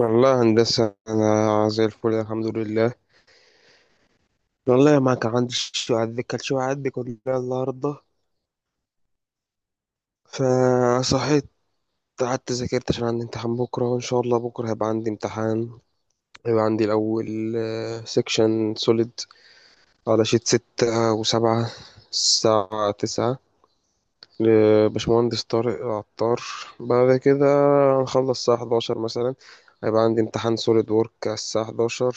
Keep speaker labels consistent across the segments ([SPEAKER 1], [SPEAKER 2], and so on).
[SPEAKER 1] والله هندسة، أنا زي الفل الحمد لله. والله ما كان عندي شوية عندي كانت شوية عندي كلها النهاردة، فصحيت قعدت ذاكرت عشان عندي امتحان بكرة. وإن شاء الله بكرة هيبقى عندي امتحان. هيبقى عندي الأول سيكشن سوليد على شيت 6 و7 الساعة 9 لباشمهندس طارق عطار. بعد كده هنخلص الساعة 11 مثلا. هيبقى عندي امتحان سوليد وورك على الساعة 11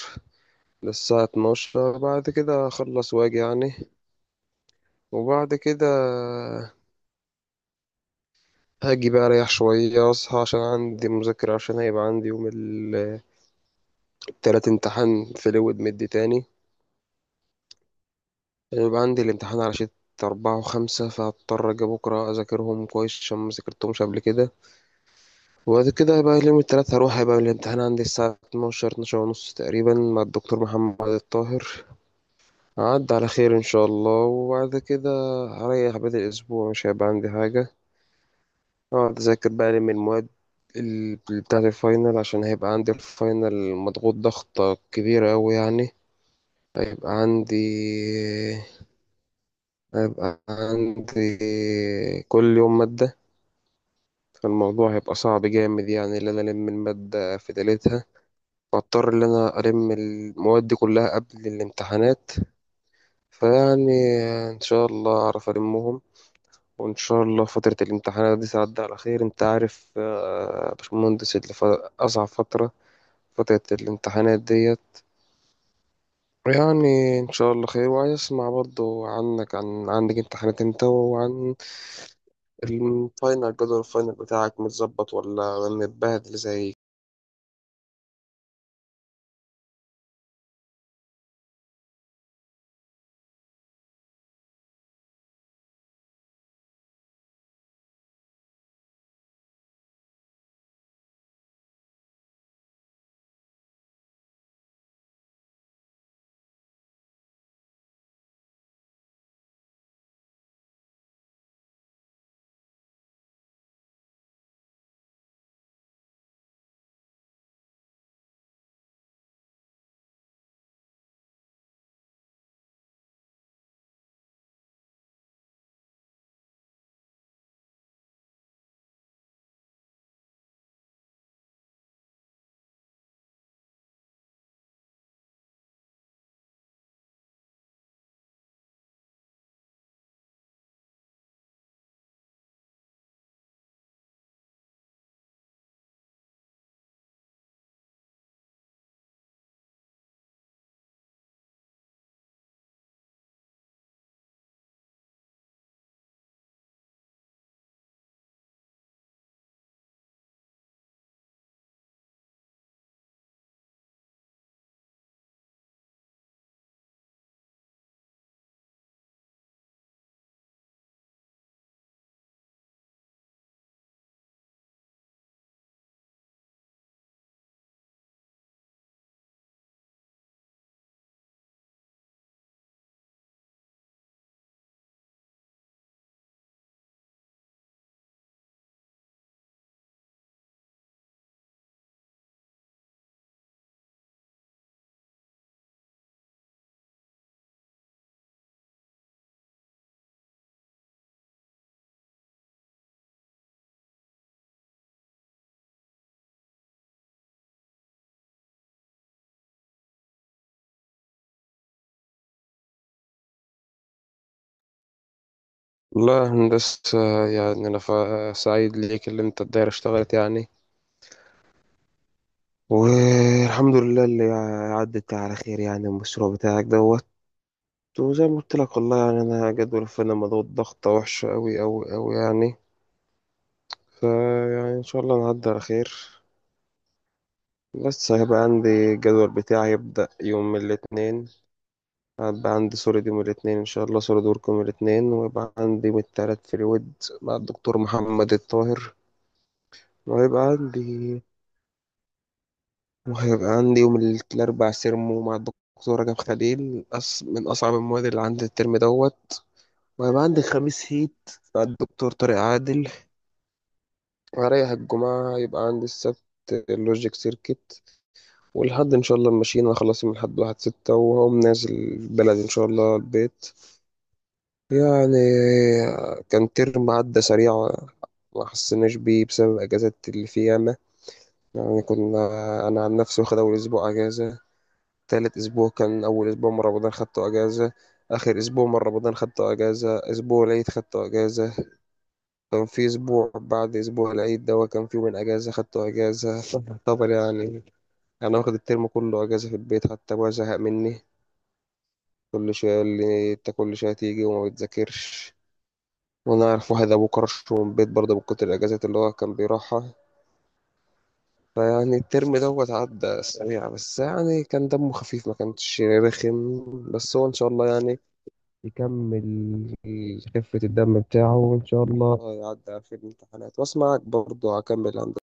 [SPEAKER 1] للساعة 12. بعد كده أخلص وأجي يعني. وبعد كده هاجي بقى اريح شوية اصحى عشان عندي مذاكرة، عشان هيبقى عندي يوم التلات امتحان فلويد مد تاني. هيبقى عندي الامتحان على شيت 4 و5، فهضطر أجي بكرة أذاكرهم كويس عشان مذاكرتهمش قبل كده. وبعد كده هيبقى اليوم التلات هروح، هيبقى الامتحان عندي الساعة 12 12:30 تقريبا مع الدكتور محمد الطاهر. عد على خير إن شاء الله. وبعد كده هريح بقية الأسبوع مش هيبقى عندي حاجة، اقعد اذاكر بقى لي من المواد ال- بتاعة الفاينل عشان هيبقى عندي الفاينل مضغوط ضغطة كبيرة أوي يعني. هيبقى عندي هيبقى عندي كل يوم مادة. فالموضوع هيبقى صعب جامد يعني، إن أنا ألم المادة في ليلتها، واضطر إن أنا ألم المواد دي كلها قبل الامتحانات. فيعني إن شاء الله أعرف ألمهم، وإن شاء الله فترة الامتحانات دي تعدي على خير. أنت عارف آه، يا باشمهندس أصعب فترة، فترة الامتحانات ديت. يعني إن شاء الله خير. وعايز أسمع برضو عنك، عن عندك امتحانات أنت، وعن الفاينل، جدول الفاينل بتاعك متظبط ولا متبهدل زي والله يا هندسة. يعني أنا سعيد ليك اللي أنت الدايرة اشتغلت يعني، والحمد لله اللي عدت على خير يعني. المشروع بتاعك دوت. وزي ما قلت لك، والله يعني أنا جدول الفاينل مضغوط ضغطة وحشة أوي أوي أوي يعني. فيعني إن شاء الله نعدي على خير. لسه هيبقى عندي الجدول بتاعي، هيبدأ يوم الاثنين. هيبقى عندي سوليد يوم الاثنين إن شاء الله، سوليد ورك يوم الاثنين. ويبقى عندي يوم التلات فريود مع الدكتور محمد الطاهر. وهيبقى عندي وهيبقى عندي يوم الأربع سيرمو مع الدكتور رجب خليل، من أصعب المواد اللي عندي الترم دوت. وهيبقى عندي الخميس هيت مع الدكتور طارق عادل. وهريح الجمعة، يبقى عندي السبت اللوجيك سيركت. والحد ان شاء الله ماشيين، انا خلاص من الحد واحد ستة، وهقوم نازل بلدي ان شاء الله البيت يعني. كان ترم عدى سريع، ما حسناش بيه بسبب اجازات اللي في ياما يعني. كنا انا عن نفسي واخد اول اسبوع اجازة، تالت اسبوع كان اول اسبوع من رمضان خدته اجازة، اخر اسبوع من رمضان خدته اجازة، اسبوع العيد خدته اجازة. كان في اسبوع بعد اسبوع العيد ده كان في يومين اجازة خدته اجازة طبعا يعني. انا واخد الترم كله اجازة في البيت، حتى ابويا زهق مني، كل شوية يقول لي أنت كل شوية تيجي وما بتذاكرش. وأنا أعرف واحد أبوه كرش من البيت برضه من كتر الأجازات اللي هو كان بيروحها. فيعني الترم دوت عدى سريع، بس يعني كان دمه خفيف ما كانش رخم. بس هو إن شاء الله يعني يكمل خفة الدم بتاعه، وإن شاء الله يعدي في الامتحانات. وأسمعك برضه، هكمل هندسة.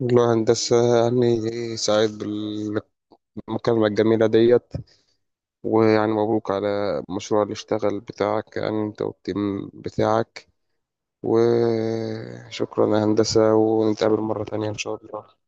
[SPEAKER 1] والله هندسة، يعني سعيد بالمكالمة الجميلة ديت. ويعني مبروك على المشروع اللي اشتغل بتاعك يعني، انت والتيم بتاعك. وشكرا يا هندسة، ونتقابل مرة تانية إن شاء الله.